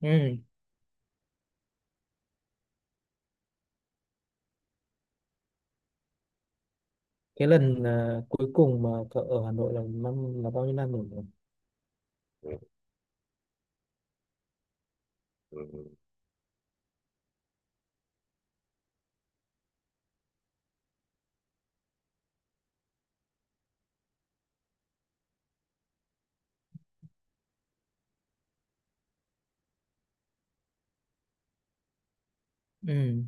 Ừ. Cái lần cuối cùng mà cậu ở Hà Nội là năm là bao nhiêu năm rồi? Ừ, ừ, ừ. Ừ.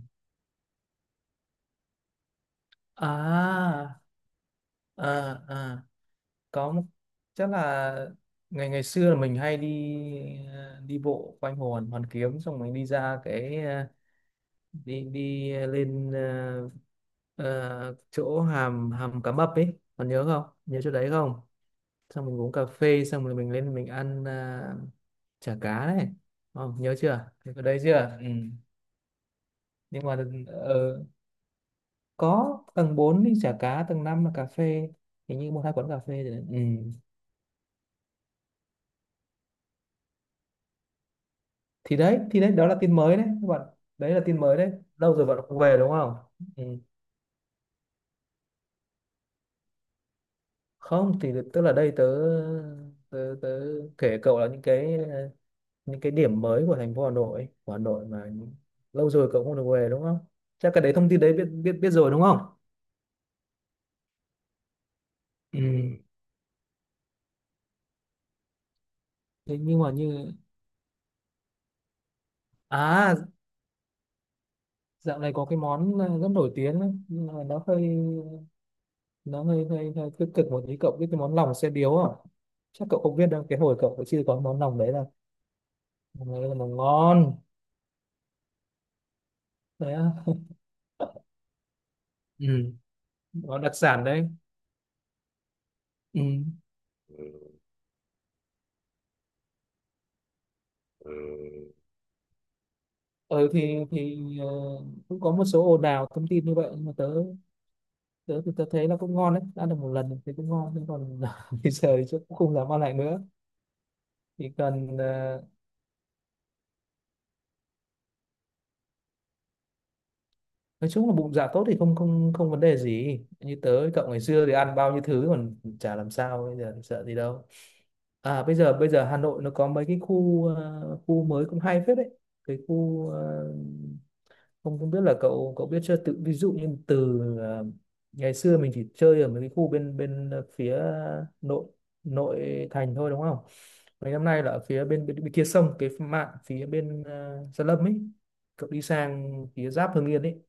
À, à, à, có một- chắc là ngày ngày xưa là mình hay đi đi bộ quanh hồ Hoàn Hoàn Kiếm, xong mình đi ra cái đi đi lên chỗ hàm hàm cá mập ấy, còn nhớ chỗ đấy không, xong mình uống cà phê xong rồi mình lên mình ăn chả cá đấy, không nhớ chưa Nhớ ở đấy chưa, ừ. Nhưng mà ờ, có tầng 4 thì chả cá, tầng 5 là cà phê, hình như một hai quán cà phê rồi đấy. Ừ. Thì đấy, đó là tin mới đấy các bạn, đấy là tin mới đấy, lâu rồi bạn không về đúng không? Ừ. Không thì tức là đây tớ tớ, tớ kể cậu là những cái những cái điểm mới của thành phố Hà Nội, mà lâu rồi cậu không được về đúng không? Chắc cái đấy thông tin đấy biết biết biết rồi đúng không? Ừ. Thế nhưng mà như à, dạo này có cái món rất nổi tiếng đấy, nhưng mà nó hơi hơi tích cực một tí, cậu biết cái món lòng xe điếu à? Chắc cậu không biết đâu, cái hồi cậu chưa có món lòng đấy, là món đấy là món ngon đấy á. Ừ. Nó đặc sản đấy. Ừ. ừ thì thì ờ, Cũng có một số ồn ào thông tin như vậy, nhưng mà tớ tớ thì tớ thấy là cũng ngon đấy, ăn được một lần thì cũng ngon, nhưng còn bây giờ thì chắc cũng không dám ăn lại nữa. thì cần ờ, nói chung là bụng dạ tốt thì không không không vấn đề gì, như tớ với cậu ngày xưa thì ăn bao nhiêu thứ còn chả làm sao, bây giờ sợ gì đâu. À, bây giờ Hà Nội nó có mấy cái khu khu mới cũng hay phết đấy. Cái khu không không biết là cậu cậu biết chưa, tự ví dụ như từ ngày xưa mình chỉ chơi ở mấy cái khu bên bên phía nội, thành thôi đúng không? Mấy năm nay là ở phía bên kia sông, cái mạn phía bên Gia Lâm ấy, cậu đi sang phía giáp Hưng Yên ấy.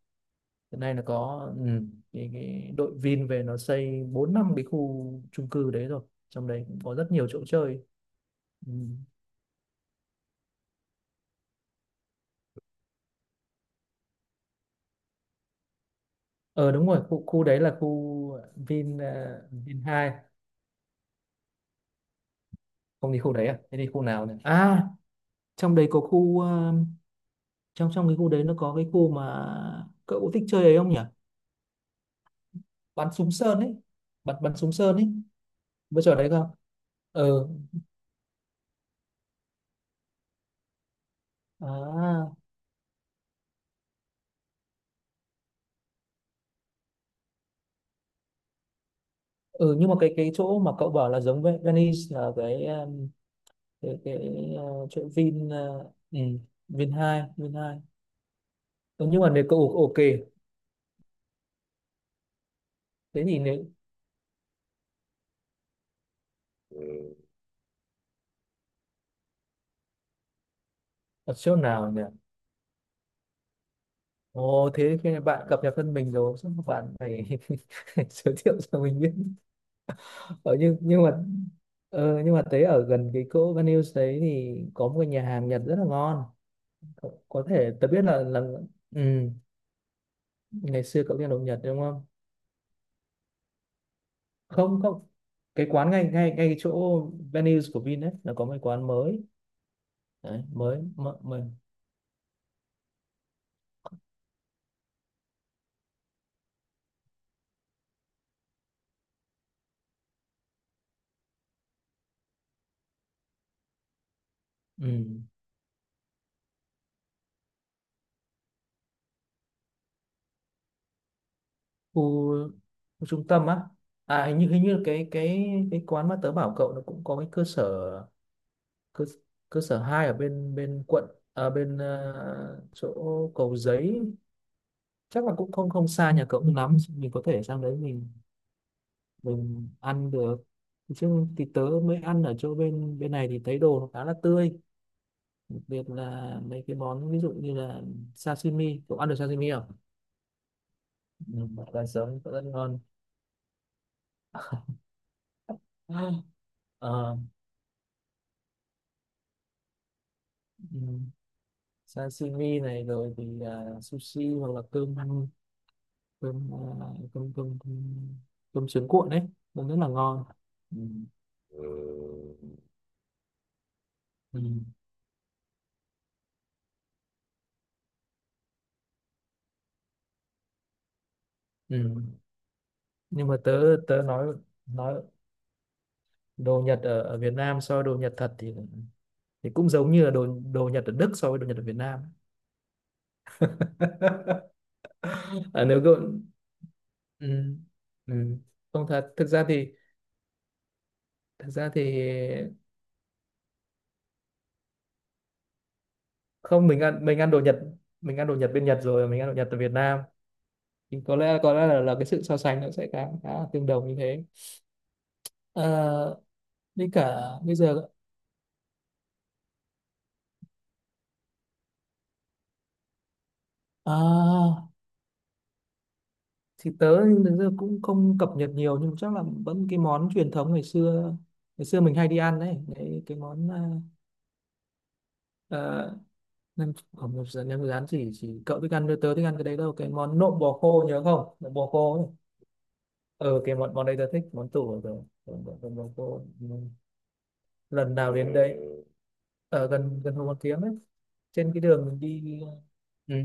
Hiện nay là có ừ, cái đội Vin về nó xây 4 năm cái khu chung cư đấy rồi, trong đấy cũng có rất nhiều chỗ chơi. Ừ. Ờ đúng rồi, khu khu đấy là khu Vin Vin hai. Không đi khu đấy à? Thế đi khu nào nhỉ? À trong đấy có khu trong trong cái khu đấy nó có cái khu mà cậu thích chơi ấy, không nhỉ? Bắn súng sơn ấy, bắn bắn súng sơn ấy, trò đấy không? Ừ. À. Ừ. Nhưng mà cái chỗ mà cậu bảo là giống với Venice là cái cái cái ờ, chỗ Vin ừ, Vin Hai, Ừ, nhưng mà nếu cậu ok ok. Thế thì nếu ừ, ở chỗ nào nhỉ? Ồ thế khi bạn cập nhật thân mình rồi chắc bạn phải giới thiệu cho mình biết. Ở nhưng mà ờ, Nhưng mà thấy ở gần cái chỗ Van đấy thì có một cái nhà hàng Nhật rất là ngon, cậu có thể, tớ biết là ừ, ngày xưa cậu đi ăn đồ Nhật đúng không? Không, cái quán ngay ngay ngay cái chỗ venues của Vin ấy, nó có một cái quán mới, đấy, mới mới, mới. Ừ. Khu, Khu trung tâm á. À hình như cái quán mà tớ bảo cậu, nó cũng có cái cơ sở, cơ cơ sở hai ở bên bên quận à, bên chỗ Cầu Giấy, chắc là cũng không không xa nhà cậu lắm, mình có thể sang đấy mình ăn được. Chứ thì tớ mới ăn ở chỗ bên bên này thì thấy đồ nó khá là tươi, đặc biệt là mấy cái món ví dụ như là sashimi, cậu ăn được sashimi không? Ừ, là giống rất ngon. À. Ờ, ừ, sashimi này rồi thì à, sushi hoặc là cơm ăn, cơm à, cơm, cơm sướng cuộn đấy, nó rất là ngon. Ừ. Ừ. Ừ. Ừ. Nhưng mà tớ tớ nói đồ Nhật ở, ở Việt Nam so với đồ Nhật thật thì cũng giống như là đồ đồ Nhật ở Đức so với đồ Nhật ở Việt Nam. À, nếu cậu ừ. Ừ. Không thật, thực ra thì không, mình ăn mình ăn đồ Nhật bên Nhật rồi, mình ăn đồ Nhật ở Việt Nam thì có lẽ là cái sự so sánh nó sẽ khá khá là tương đồng như thế. Ờ, với cả bây giờ à, thì tớ thực ra cũng không cập nhật nhiều, nhưng chắc là vẫn cái món truyền thống ngày xưa, mình hay đi ăn đấy, đấy cái món uh, nem không nhập rán, nem rán chỉ cậu thích ăn, tớ thích ăn cái đấy đâu, cái món nộm bò khô, nhớ không, nộm bò khô ấy. Ờ cái món món đấy tớ thích, món tủ rồi. Bò khô, lần nào đến đấy, ở gần gần Hồ Hoàn Kiếm ấy, trên cái đường mình đi. Ừ.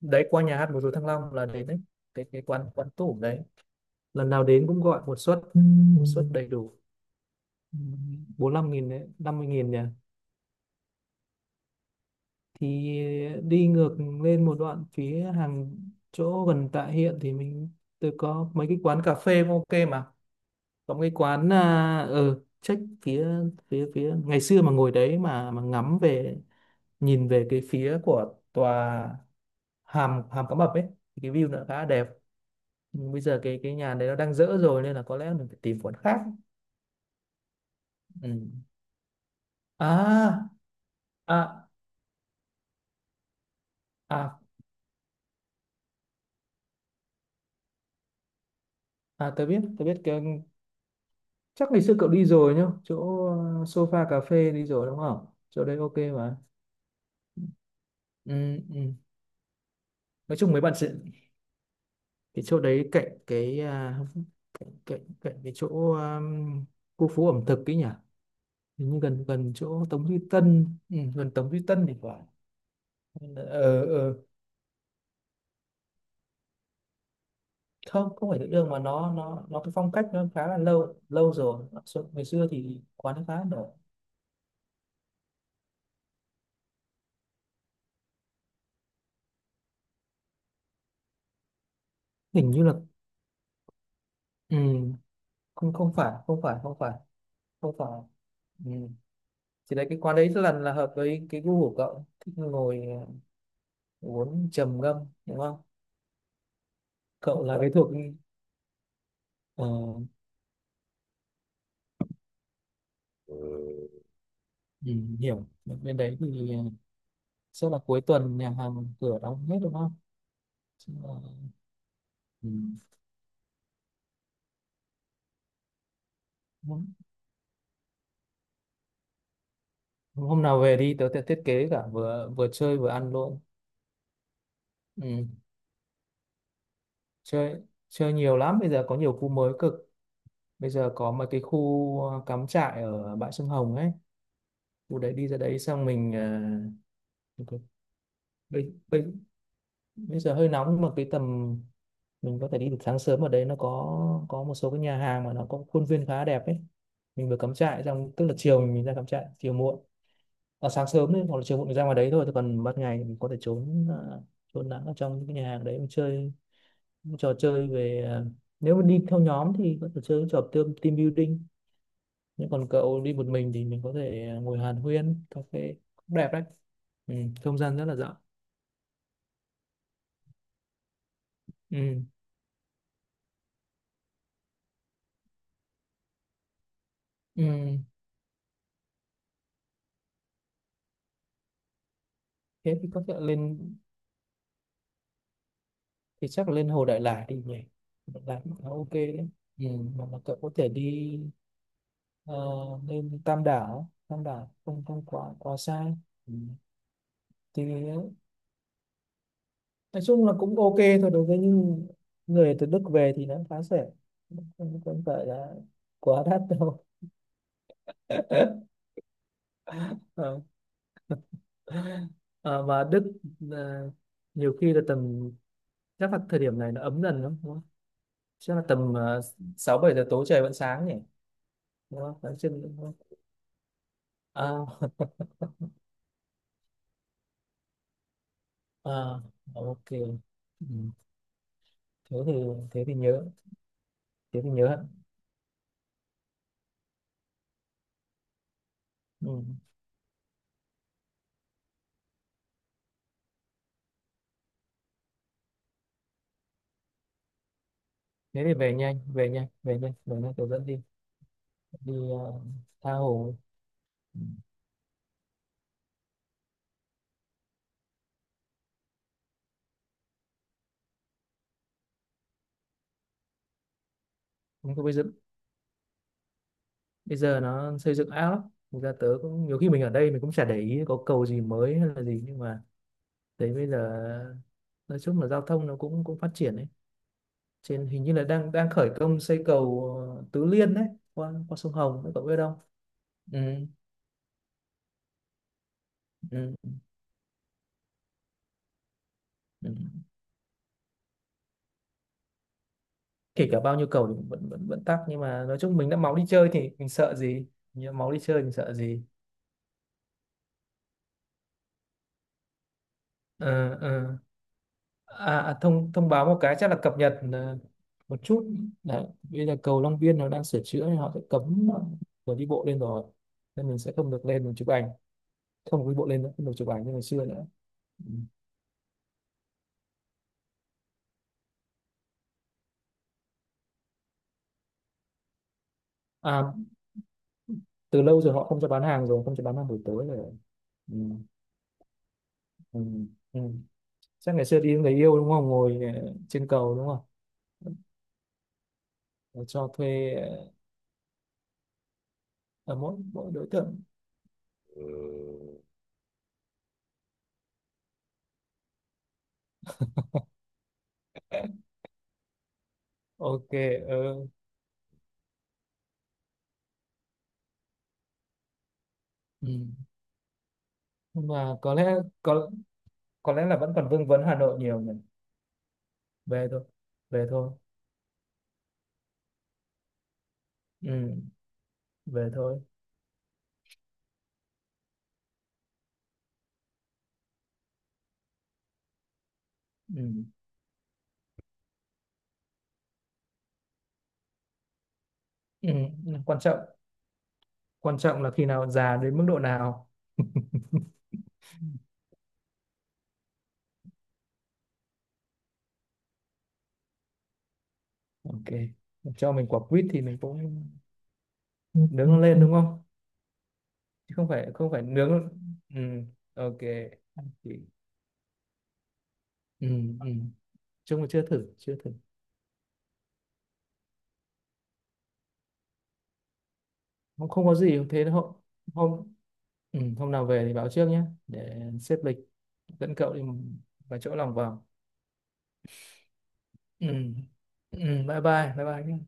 Đấy, qua nhà hát múa rối Thăng Long là đến đấy, cái quán quán tủ đấy, lần nào đến cũng gọi một suất, một suất đầy đủ 45 nghìn đấy, 50 nghìn nhỉ? Thì đi ngược lên một đoạn phía hàng, chỗ gần Tạ Hiện thì mình, tôi có mấy cái quán cà phê cũng ok mà, có mấy cái quán à, ở check phía phía phía ngày xưa mà ngồi đấy mà ngắm về, nhìn về cái phía của tòa hàm hàm cá mập ấy, thì cái view nó khá là đẹp. Nhưng bây giờ cái nhà đấy nó đang dỡ rồi nên là có lẽ mình phải tìm quán khác. Ừ. À à à à tớ biết, cái, chắc ngày xưa cậu đi rồi nhá, chỗ sofa cà phê đi rồi đúng không, chỗ đấy ok mà. Ừ, ừ. Nói chung mấy bạn sẽ, cái chỗ đấy cạnh cái à, cạnh cạnh cạnh cái chỗ khu phố ẩm thực ấy nhỉ, hình như gần gần chỗ Tống Duy Tân, ừ, gần Tống Duy Tân thì phải. ờ ờ Không không phải tự đương, mà nó cái phong cách nó khá là lâu lâu rồi. Ngày xưa thì quán nó khá là nổi. Hình như là ừ, không không phải, không phải ừ. Thì đấy, cái quán đấy lần là hợp với cái gu của cậu, thích ngồi uống trầm ngâm đúng không, cậu là cái thuộc ờ, ừ, hiểu. Bên đấy thì sẽ là cuối tuần nhà hàng cửa đóng hết đúng không? Chứ là- ừ. hôm Hôm nào về đi, tớ sẽ thiết kế cả, vừa vừa chơi vừa ăn luôn. Ừ. Chơi, nhiều lắm, bây giờ có nhiều khu mới cực, bây giờ có mấy cái khu cắm trại ở bãi sông Hồng ấy, khu đấy đi ra đấy xong mình ờ, có- bây, bây, bây giờ hơi nóng, nhưng mà cái tầm mình có thể đi được sáng sớm, ở đấy nó có một số cái nhà hàng mà nó có khuôn viên khá đẹp ấy, mình vừa cắm trại xong, tức là chiều mình ra cắm trại chiều muộn, à, sáng sớm đấy hoặc là chiều muộn mình ra ngoài đấy thôi, thì còn ban ngày mình có thể trốn trốn nắng ở trong những cái nhà hàng đấy, mình chơi trò chơi về à, nếu mà đi theo nhóm thì có thể chơi những trò team building, nhưng còn cậu đi một mình thì mình có thể à, ngồi hàn huyên cà phê cũng đẹp đấy, ừ, không gian rất là rộng. Ừ. Ừ. Thế thì có thể lên, thì chắc là lên Hồ Đại Lải đi nhỉ, Đại Lải cũng khá ok đấy. Ừ. Mà, cậu có thể đi ờ, lên Tam Đảo, không không quá quá xa. Ừ. Thì nói chung là cũng ok thôi, đối với những người từ Đức về thì nó khá rẻ, không không phải là quá đắt đâu. Ờ. Ờ, mà Đức ờ, nhiều khi là tầm, chắc là thời điểm này nó ấm dần lắm đúng không? Chắc là tầm sáu bảy giờ tối trời vẫn sáng nhỉ, đúng không? Sáng trưng đúng không? À, à, ok ừ. Thế thì thế thì nhớ thế thì nhớ ạ. Ừ. Thế thì về nhanh, tôi dẫn đi, đi tha hồ. Chúng tôi bây giờ, nó xây dựng ảo lắm, thực ra tớ cũng nhiều khi mình ở đây mình cũng chả để ý có cầu gì mới hay là gì, nhưng mà thấy bây giờ nói chung là giao thông nó cũng cũng phát triển đấy. Trên hình như là đang đang khởi công xây cầu Tứ Liên đấy, qua qua sông Hồng đấy, cậu biết không? Ừ, ừ, ừ. Kể cả bao nhiêu cầu thì vẫn vẫn vẫn tắc, nhưng mà nói chung mình đã máu đi chơi thì mình sợ gì. Nhỡ máu đi chơi mình sợ gì. ờ ờ À, à, thông thông báo một cái, chắc là cập nhật một chút. Đấy bây giờ cầu Long Biên nó đang sửa chữa nên họ sẽ cấm người đi bộ lên rồi, nên mình sẽ không được lên mình chụp ảnh. Không được đi bộ lên nữa, không được chụp ảnh như ngày xưa nữa. Ừ. À, từ lâu rồi họ không cho bán hàng rồi, không cho bán hàng buổi tối rồi. Ừ. Ừ. Ừ. Chắc ngày xưa đi với người yêu đúng không, ngồi trên cầu đúng không? Rồi cho thuê ở mỗi mỗi đối tượng. Ừ. Ok. Ờ. Ừ. Nhưng mà có lẽ, có có lẽ là vẫn còn vương vấn Hà Nội nhiều nhỉ. Về thôi, về thôi ừ, về thôi. Ừ. Ừ. Ừ. Quan trọng, là khi nào già đến mức độ nào. Ok, cho mình quả quýt thì mình cũng nướng nó lên đúng không, chứ không phải, nướng. Ừ. Ok. Thì- ừ. Ừ. Chung là chưa thử, không, có gì. Thế hôm, hôm ừ, hôm nào về thì báo trước nhé để xếp lịch dẫn cậu đi vài chỗ lòng vòng. Ừ. Ừ. Bye bye, nhé.